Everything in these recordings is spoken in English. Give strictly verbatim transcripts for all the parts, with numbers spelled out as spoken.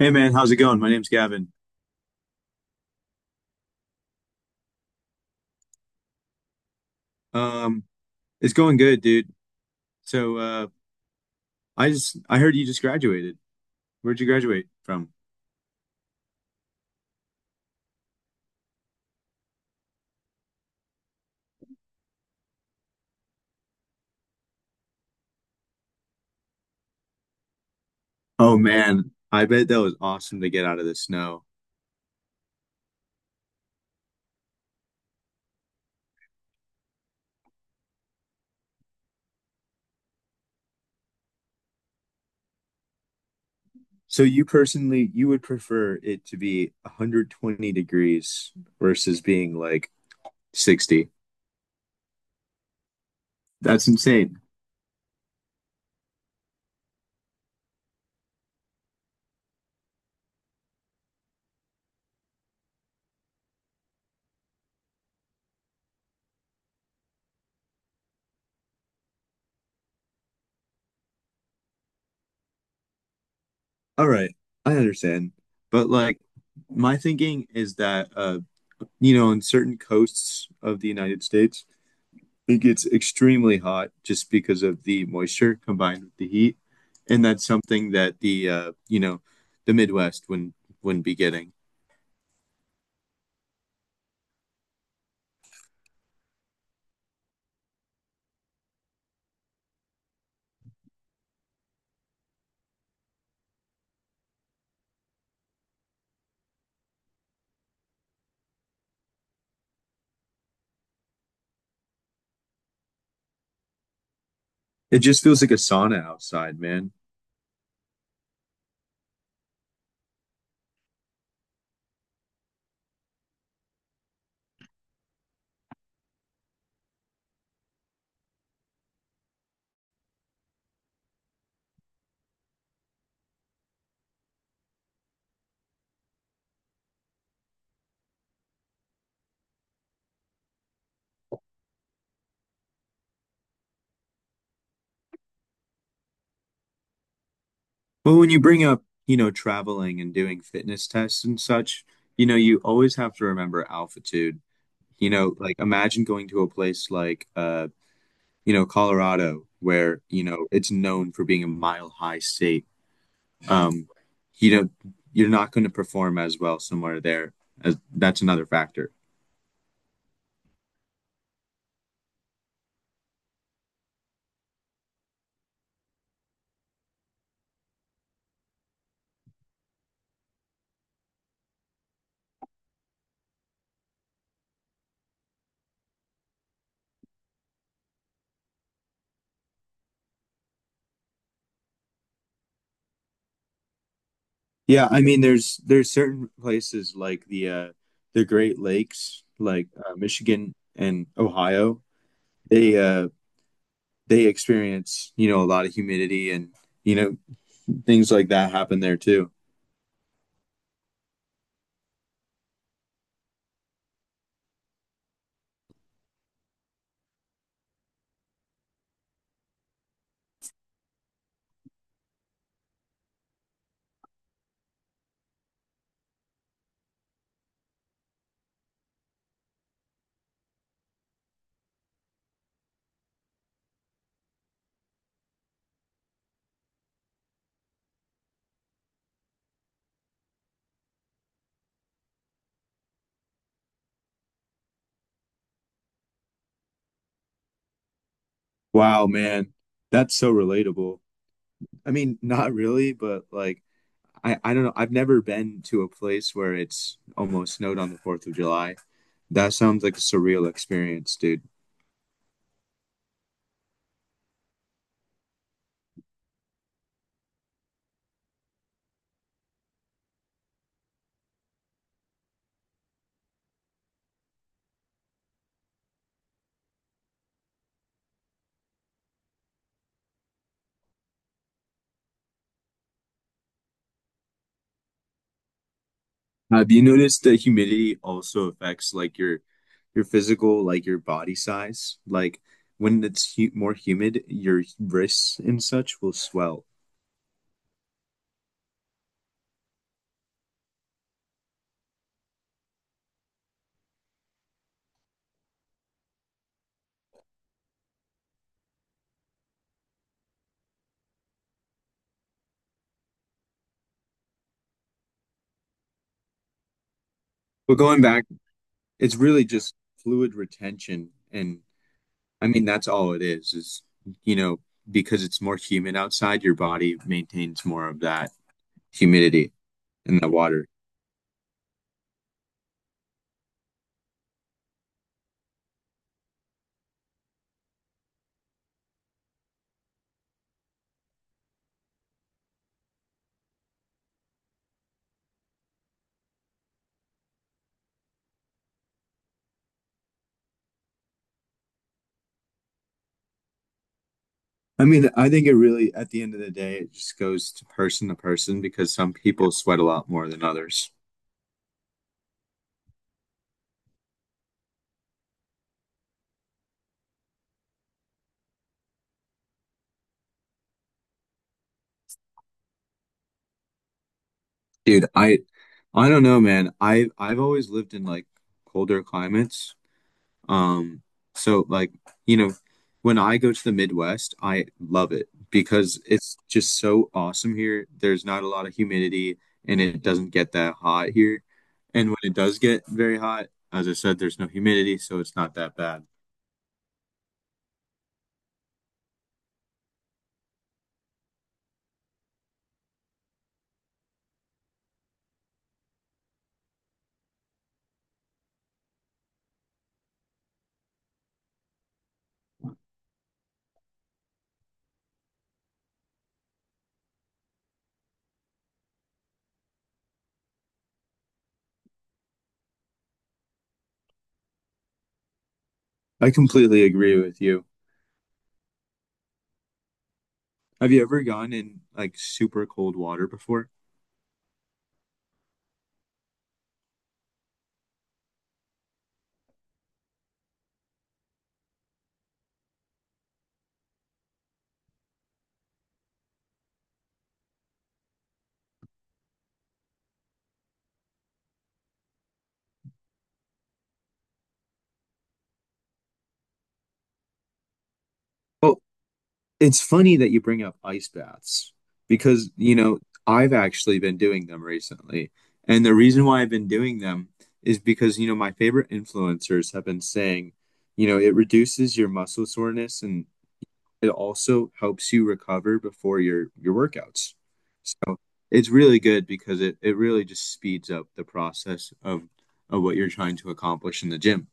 Hey man, how's it going? My name's Gavin. Um, it's going good, dude. So, uh, I just I heard you just graduated. Where'd you graduate from? Oh man, I bet that was awesome to get out of the snow. So you personally, you would prefer it to be one hundred twenty degrees versus being like sixty. That's insane. All right, I understand. But like my thinking is that uh you know, in certain coasts of the United States, it gets extremely hot just because of the moisture combined with the heat, and that's something that the uh, you know the Midwest wouldn't wouldn't be getting. It just feels like a sauna outside, man. But when you bring up you know traveling and doing fitness tests and such, you know you always have to remember altitude. You know, like imagine going to a place like uh, you know Colorado where you know it's known for being a mile high state. um, you know, you're not going to perform as well somewhere there. As that's another factor. Yeah, I mean, there's there's certain places like the uh, the Great Lakes, like uh, Michigan and Ohio. They uh, they experience you know a lot of humidity and you know things like that happen there too. Wow, man, that's so relatable. I mean, not really, but like I, I don't know. I've never been to a place where it's almost snowed on the fourth of July. That sounds like a surreal experience, dude. Have you noticed that humidity also affects like your your physical, like your body size? Like when it's hu more humid, your wrists and such will swell. But going back, it's really just fluid retention, and I mean that's all it is. Is you know because it's more humid outside, your body maintains more of that humidity in the water. I mean, I think it really, at the end of the day, it just goes to person to person because some people sweat a lot more than others. Dude, I I don't know, man. I I've always lived in like colder climates. Um, so like, you know, when I go to the Midwest, I love it because it's just so awesome here. There's not a lot of humidity and it doesn't get that hot here. And when it does get very hot, as I said, there's no humidity, so it's not that bad. I completely agree with you. Have you ever gone in like super cold water before? Oh, it's funny that you bring up ice baths because, you know, I've actually been doing them recently. And the reason why I've been doing them is because, you know, my favorite influencers have been saying, you know, it reduces your muscle soreness and it also helps you recover before your your workouts. So it's really good because it, it really just speeds up the process of of what you're trying to accomplish in the gym.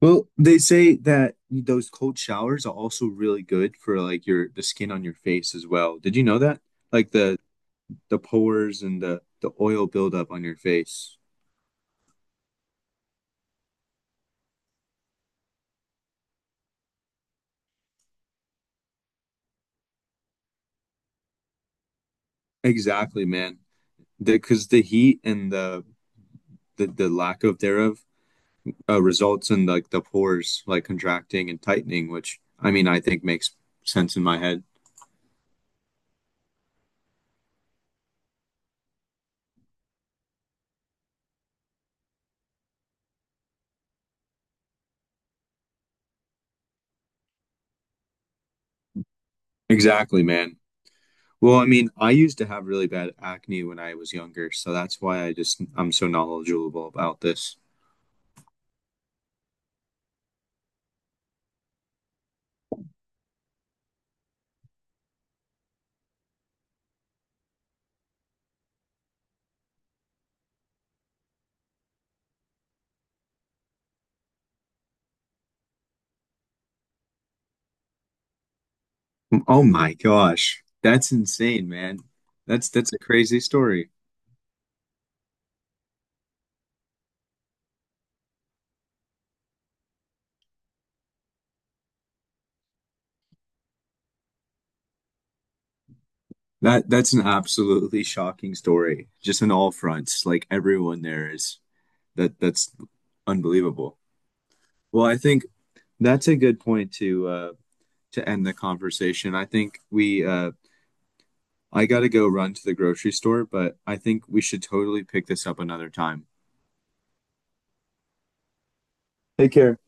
Well, they say that those cold showers are also really good for like your the skin on your face as well. Did you know that? Like the the pores and the the oil buildup on your face. Exactly, man. Because the heat and the the, the lack of thereof uh, results in like the pores like contracting and tightening, which I mean I think makes sense in my head. Exactly, man. Well, I mean, I used to have really bad acne when I was younger, so that's why I just I'm so knowledgeable about this. Oh my gosh. That's insane, man. That's that's a crazy story. That that's an absolutely shocking story. Just on all fronts. Like everyone there is that that's unbelievable. Well, I think that's a good point to uh to end the conversation. I think we uh I gotta go run to the grocery store, but I think we should totally pick this up another time. Take care.